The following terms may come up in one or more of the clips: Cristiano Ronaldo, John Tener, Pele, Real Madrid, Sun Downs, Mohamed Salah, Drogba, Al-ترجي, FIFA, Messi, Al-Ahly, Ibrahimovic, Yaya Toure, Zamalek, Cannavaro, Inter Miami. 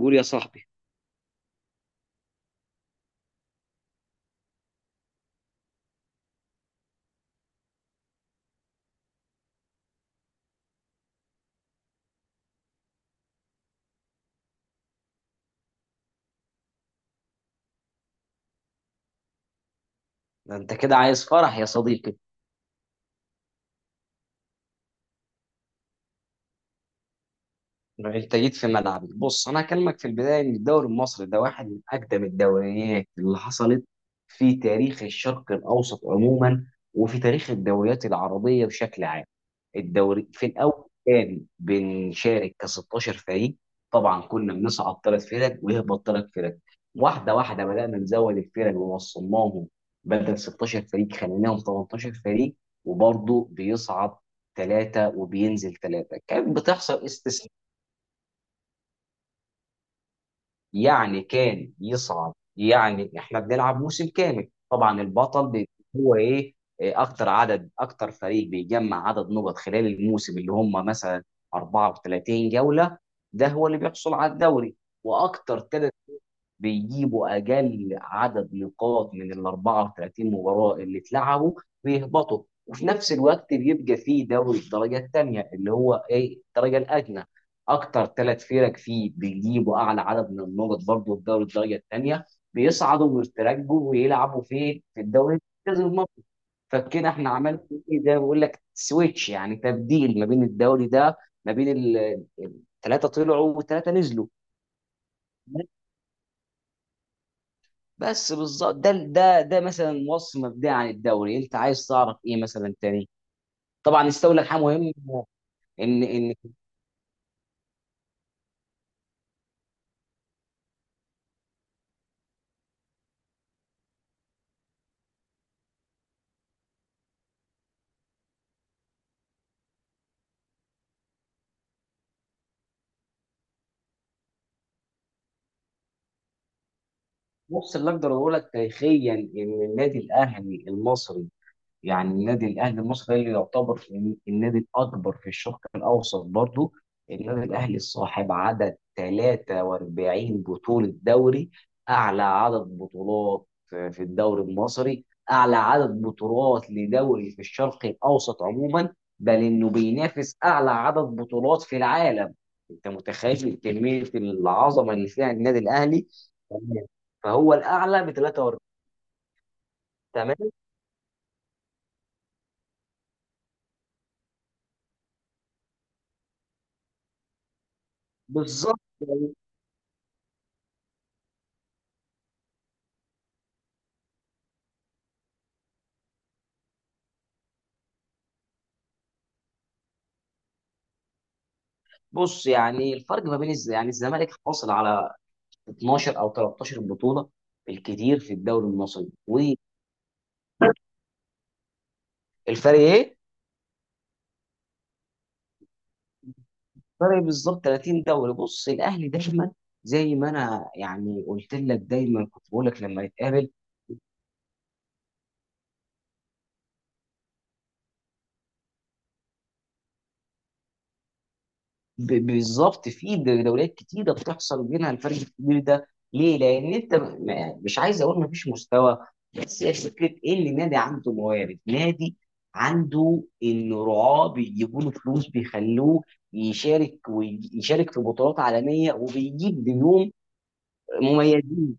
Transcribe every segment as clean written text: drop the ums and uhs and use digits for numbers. قول يا صاحبي. ده انت كده عايز فرح يا صديقي. انت جيت في ملعبي. بص انا هكلمك في البدايه ان الدوري المصري ده واحد من اقدم الدوريات اللي حصلت في تاريخ الشرق الاوسط عموما، وفي تاريخ الدوريات العربيه بشكل عام. الدوري في الاول كان بنشارك ك 16 فريق. طبعا كنا بنصعد ثلاث فرق ويهبط ثلاث فرق. واحده واحده بدانا نزود الفرق ووصلناهم بدل 16 فريق خليناهم 18 فريق. وبرضه بيصعد ثلاثه وبينزل ثلاثه، كانت بتحصل استثناءات. يعني كان يصعد، يعني احنا بنلعب موسم كامل، طبعا البطل هو ايه، إيه اكتر عدد، اكتر فريق بيجمع عدد نقط خلال الموسم، اللي هم مثلا 34 جولة، ده هو اللي بيحصل على الدوري. واكتر ثلاث بيجيبوا اقل عدد نقاط من ال 34 مباراه اللي اتلعبوا بيهبطوا. وفي نفس الوقت بيبقى فيه دوري الدرجه الثانيه اللي هو ايه الدرجه الادنى. اكتر ثلاث فرق فيه بيجيبوا اعلى عدد من النقط برضه في دوري الدرجه الثانيه، بيصعدوا ويترجوا ويلعبوا في الدوري المركز المصري. فكده احنا عملنا ايه، ده بقول لك سويتش، يعني تبديل ما بين الدوري ده، ما بين ثلاثه طلعوا وثلاثه نزلوا. بس بالظبط ده مثلا وصف مبدئي عن الدوري. انت عايز تعرف ايه مثلا تاني؟ طبعا استولى حاجه مهمه. ان في النص اللي اقدر اقول لك تاريخيا ان النادي الاهلي المصري، يعني النادي الاهلي المصري اللي يعتبر النادي الاكبر في الشرق الاوسط برضو. النادي الاهلي صاحب عدد 43 بطوله دوري، اعلى عدد بطولات في الدوري المصري، اعلى عدد بطولات لدوري في الشرق الاوسط عموما، بل انه بينافس اعلى عدد بطولات في العالم. انت متخيل كميه العظمه اللي فيها النادي الاهلي؟ تمام. فهو الاعلى ب 43. تمام، بالظبط. بص يعني الفرق ما بين يعني الزمالك حاصل على 12 او 13 بطوله بالكتير في الدوري المصري، والفرق ايه؟ فرق بالظبط 30 دوري. بص الاهلي دايما، زي ما انا يعني قلت لك دايما كنت بقول لك لما نتقابل، بالظبط في دوريات كتيره بتحصل بينها الفرق الكبير ده. ليه؟ لان انت مش عايز اقول مفيش مستوى، بس هي فكره ان النادي عنده موارد، نادي عنده انه رعاه بيجيبوا له فلوس، بيخلوه يشارك ويشارك في بطولات عالميه وبيجيب نجوم مميزين،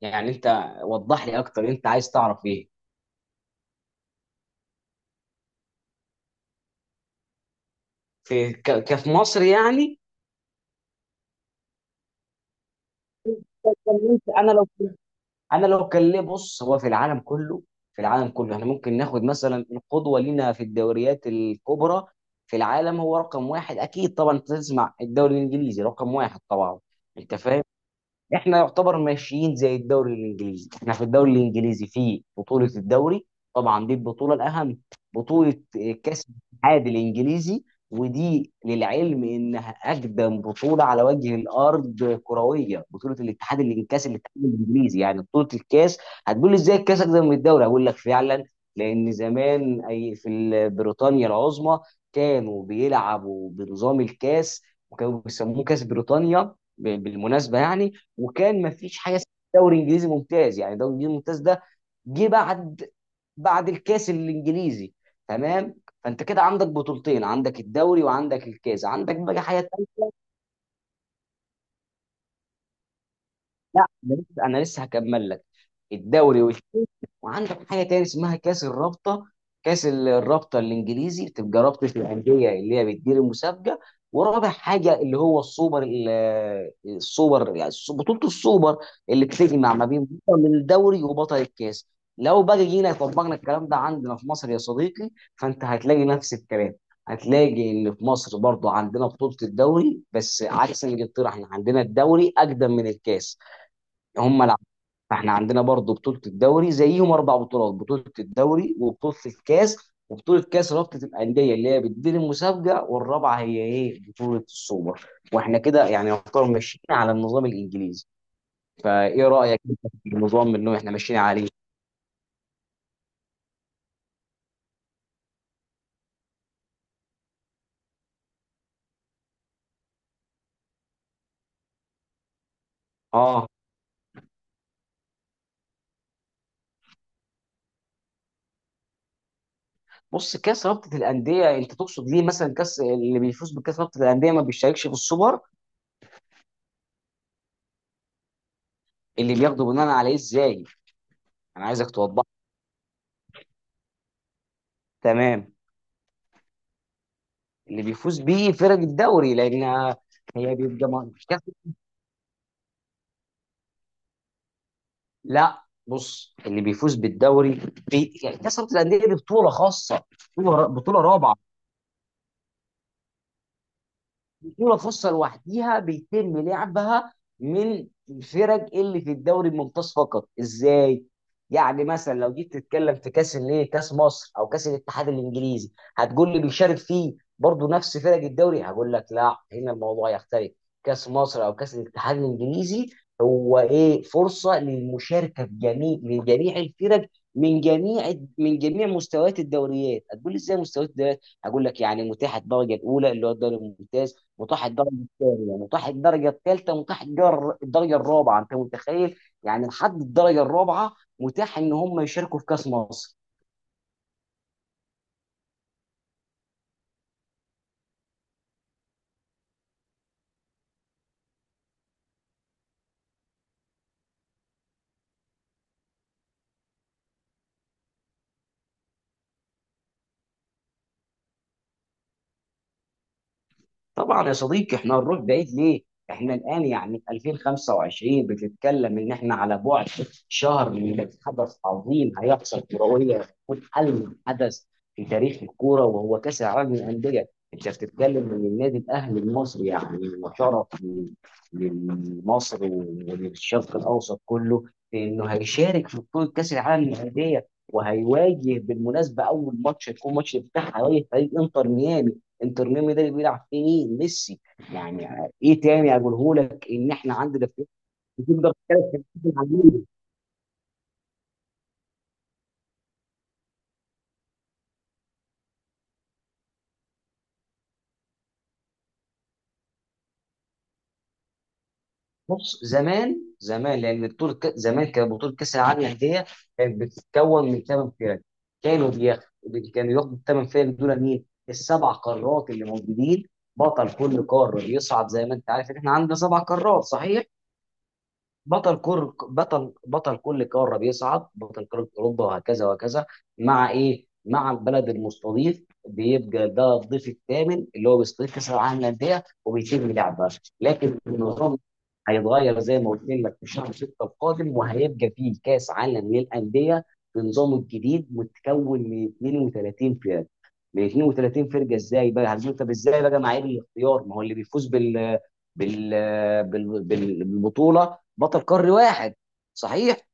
يعني. انت وضح لي اكتر، انت عايز تعرف ايه؟ في كفي مصر يعني. انا لو انا لو كان ليه، بص هو في العالم كله، احنا ممكن ناخد مثلا القدوه لينا في الدوريات الكبرى في العالم. هو رقم واحد اكيد طبعا، انت تسمع الدوري الانجليزي رقم واحد طبعا. انت فاهم؟ احنا يعتبر ماشيين زي الدوري الانجليزي. احنا في الدوري الانجليزي في بطولة الدوري، طبعا دي البطولة الاهم، بطولة كاس الاتحاد الانجليزي، ودي للعلم انها اقدم بطولة على وجه الارض كروية. كاس الاتحاد الانجليزي، يعني بطولة الكاس. هتقول لي ازاي الكاس اقدم من الدوري؟ هقول لك فعلا. لان زمان، اي في بريطانيا العظمى كانوا بيلعبوا بنظام الكاس، وكانوا بيسموه كاس بريطانيا بالمناسبة يعني. وكان ما فيش حاجه اسمها دوري انجليزي ممتاز. يعني دوري انجليزي ممتاز ده جه بعد الكاس الانجليزي. تمام. فانت كده عندك بطولتين، عندك الدوري وعندك الكاس. عندك بقى حاجه تانيه، لا، انا لسه هكمل لك. الدوري والكاس، وعندك حاجه تاني اسمها كاس الرابطه. كاس الرابطه الانجليزي بتبقى رابطه الانديه اللي هي بتدير المسابقه. ورابع حاجه اللي هو السوبر، السوبر، يعني بطوله السوبر اللي بتجمع ما بين بطل الدوري وبطل الكاس. لو بقى جينا طبقنا الكلام ده عندنا في مصر يا صديقي، فانت هتلاقي نفس الكلام. هتلاقي ان في مصر برضو عندنا بطولة الدوري، بس عكس الانجلترا احنا عندنا الدوري اقدم من الكاس. هم. فاحنا عندنا برضو بطولة الدوري زيهم، اربع بطولات: بطولة الدوري، وبطولة الكاس، وبطولة كاس رابطة الأندية اللي هي بتدير المسابقة، والرابعة هي ايه بطولة السوبر. واحنا كده يعني يعتبر ماشيين على النظام الإنجليزي. فايه رأيك انت في النظام اللي احنا ماشيين عليه؟ اه، بص. كاس رابطة الأندية انت تقصد ليه مثلا كاس اللي بيفوز بكاس رابطة الأندية ما بيشاركش في السوبر، اللي بياخده بناء عليه ازاي، انا عايزك توضح. تمام. اللي بيفوز بيه فرق الدوري لأن هي بيبقى، لا بص اللي بيفوز بالدوري يعني كسبت الانديه دي بطوله خاصه، بطوله رابعه. بطولة خاصة لوحديها بيتم لعبها من الفرق اللي في الدوري الممتاز فقط. ازاي؟ يعني مثلا لو جيت تتكلم في كاس مصر او كاس الاتحاد الانجليزي، هتقول لي بيشارك فيه برضه نفس فرق الدوري. هقول لك لا، هنا الموضوع يختلف. كاس مصر او كاس الاتحاد الانجليزي هو ايه فرصة للمشاركة في جميع من جميع الفرق من جميع مستويات الدوريات. هتقول لي ازاي مستويات الدوريات؟ هقول لك يعني متاحه الدرجه الاولى اللي هو الدوري الممتاز، متاح الدرجه الثانيه، يعني متاح الدرجه الثالثه، متاح الدرجه الرابعه. انت متخيل يعني لحد الدرجه الرابعه متاح ان هم يشاركوا في كاس مصر؟ طبعا يا صديقي، احنا هنروح بعيد ليه؟ احنا الان يعني في 2025 بتتكلم، ان احنا على بعد شهر من حدث عظيم هيحصل كرويا، هيكون ألم حدث في تاريخ الكوره، وهو كاس العالم للانديه، انت بتتكلم ان النادي الاهلي المصري يعني وشرف لمصر وللشرق الاوسط كله في انه هيشارك في بطوله كاس العالم للانديه، وهيواجه بالمناسبه اول ماتش، هيكون ماتش افتتاح، هيواجه فريق انتر ميامي. انتر ميامي ده اللي بيلعب فيه مين؟ ميسي. يعني ايه تاني اقولهولك ان احنا عندنا في، تقدر تتكلم في العالمية. بص زمان، زمان لان بطوله زمان كانت بطوله كاس العالم للانديه كانت بتتكون من ثمان فرق. كانوا بياخدوا كانوا ياخدوا الثمان فرق دول مين؟ السبع قارات اللي موجودين، بطل كل قاره بيصعد. زي ما انت عارف ان احنا عندنا سبع قارات صحيح؟ بطل كل قاره بيصعد، بطل قاره اوروبا وهكذا وهكذا، مع ايه؟ مع البلد المستضيف، بيبقى ده الضيف الثامن اللي هو بيستضيف كاس العالم للانديه وبيتم لعبها. لكن النظام هيتغير زي ما قلت لك في شهر 6 القادم، وهيبقى فيه كاس عالم للانديه بنظامه الجديد متكون من 32 فرقه. من 32 فرقه، ازاي بقى، هتقول طب ازاي بقى معايير الاختيار؟ ما هو اللي بيفوز بال بالبطوله بطل قاري واحد صحيح؟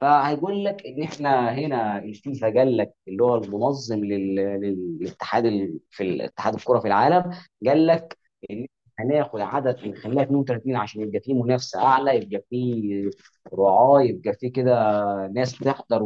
فهيقول لك ان احنا هنا الفيفا، قال لك اللي هو المنظم للاتحاد في الاتحاد الكره في العالم، قال لك ان هناخد عدد نخليها 32 عشان يبقى فيه منافسه اعلى، يبقى فيه رعاه، يبقى فيه كده ناس تحضر.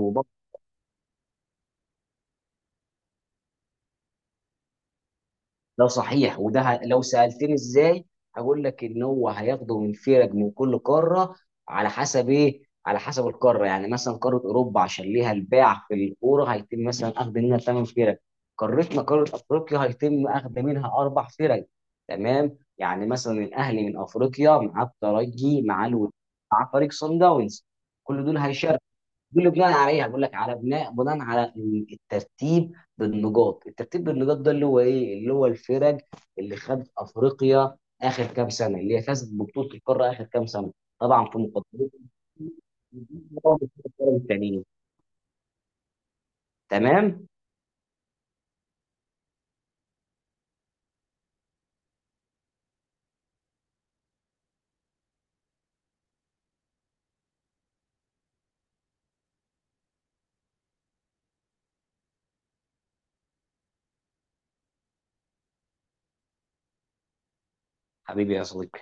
ده صحيح. وده لو سألتني ازاي، هقول لك ان هو هياخده من فرق من كل قاره على حسب ايه، على حسب القاره. يعني مثلا قاره اوروبا عشان ليها الباع في الكوره هيتم مثلا اخذ منها ثمان فرق، قارتنا قاره افريقيا هيتم اخذ منها اربع فرق. تمام. يعني مثلا الاهلي من افريقيا مع الترجي، مع الود، مع فريق صن داونز، كل دول هيشاركوا. دول اللي بناء عليها بقول لك على بناء بناء على إن الترتيب بالنقاط. الترتيب بالنقاط ده اللي هو الفرق اللي خدت افريقيا اخر كام سنه، اللي هي فازت ببطوله القاره اخر كام سنه، طبعا في مقدمه التانيين. تمام. حبيبي يا صديقي.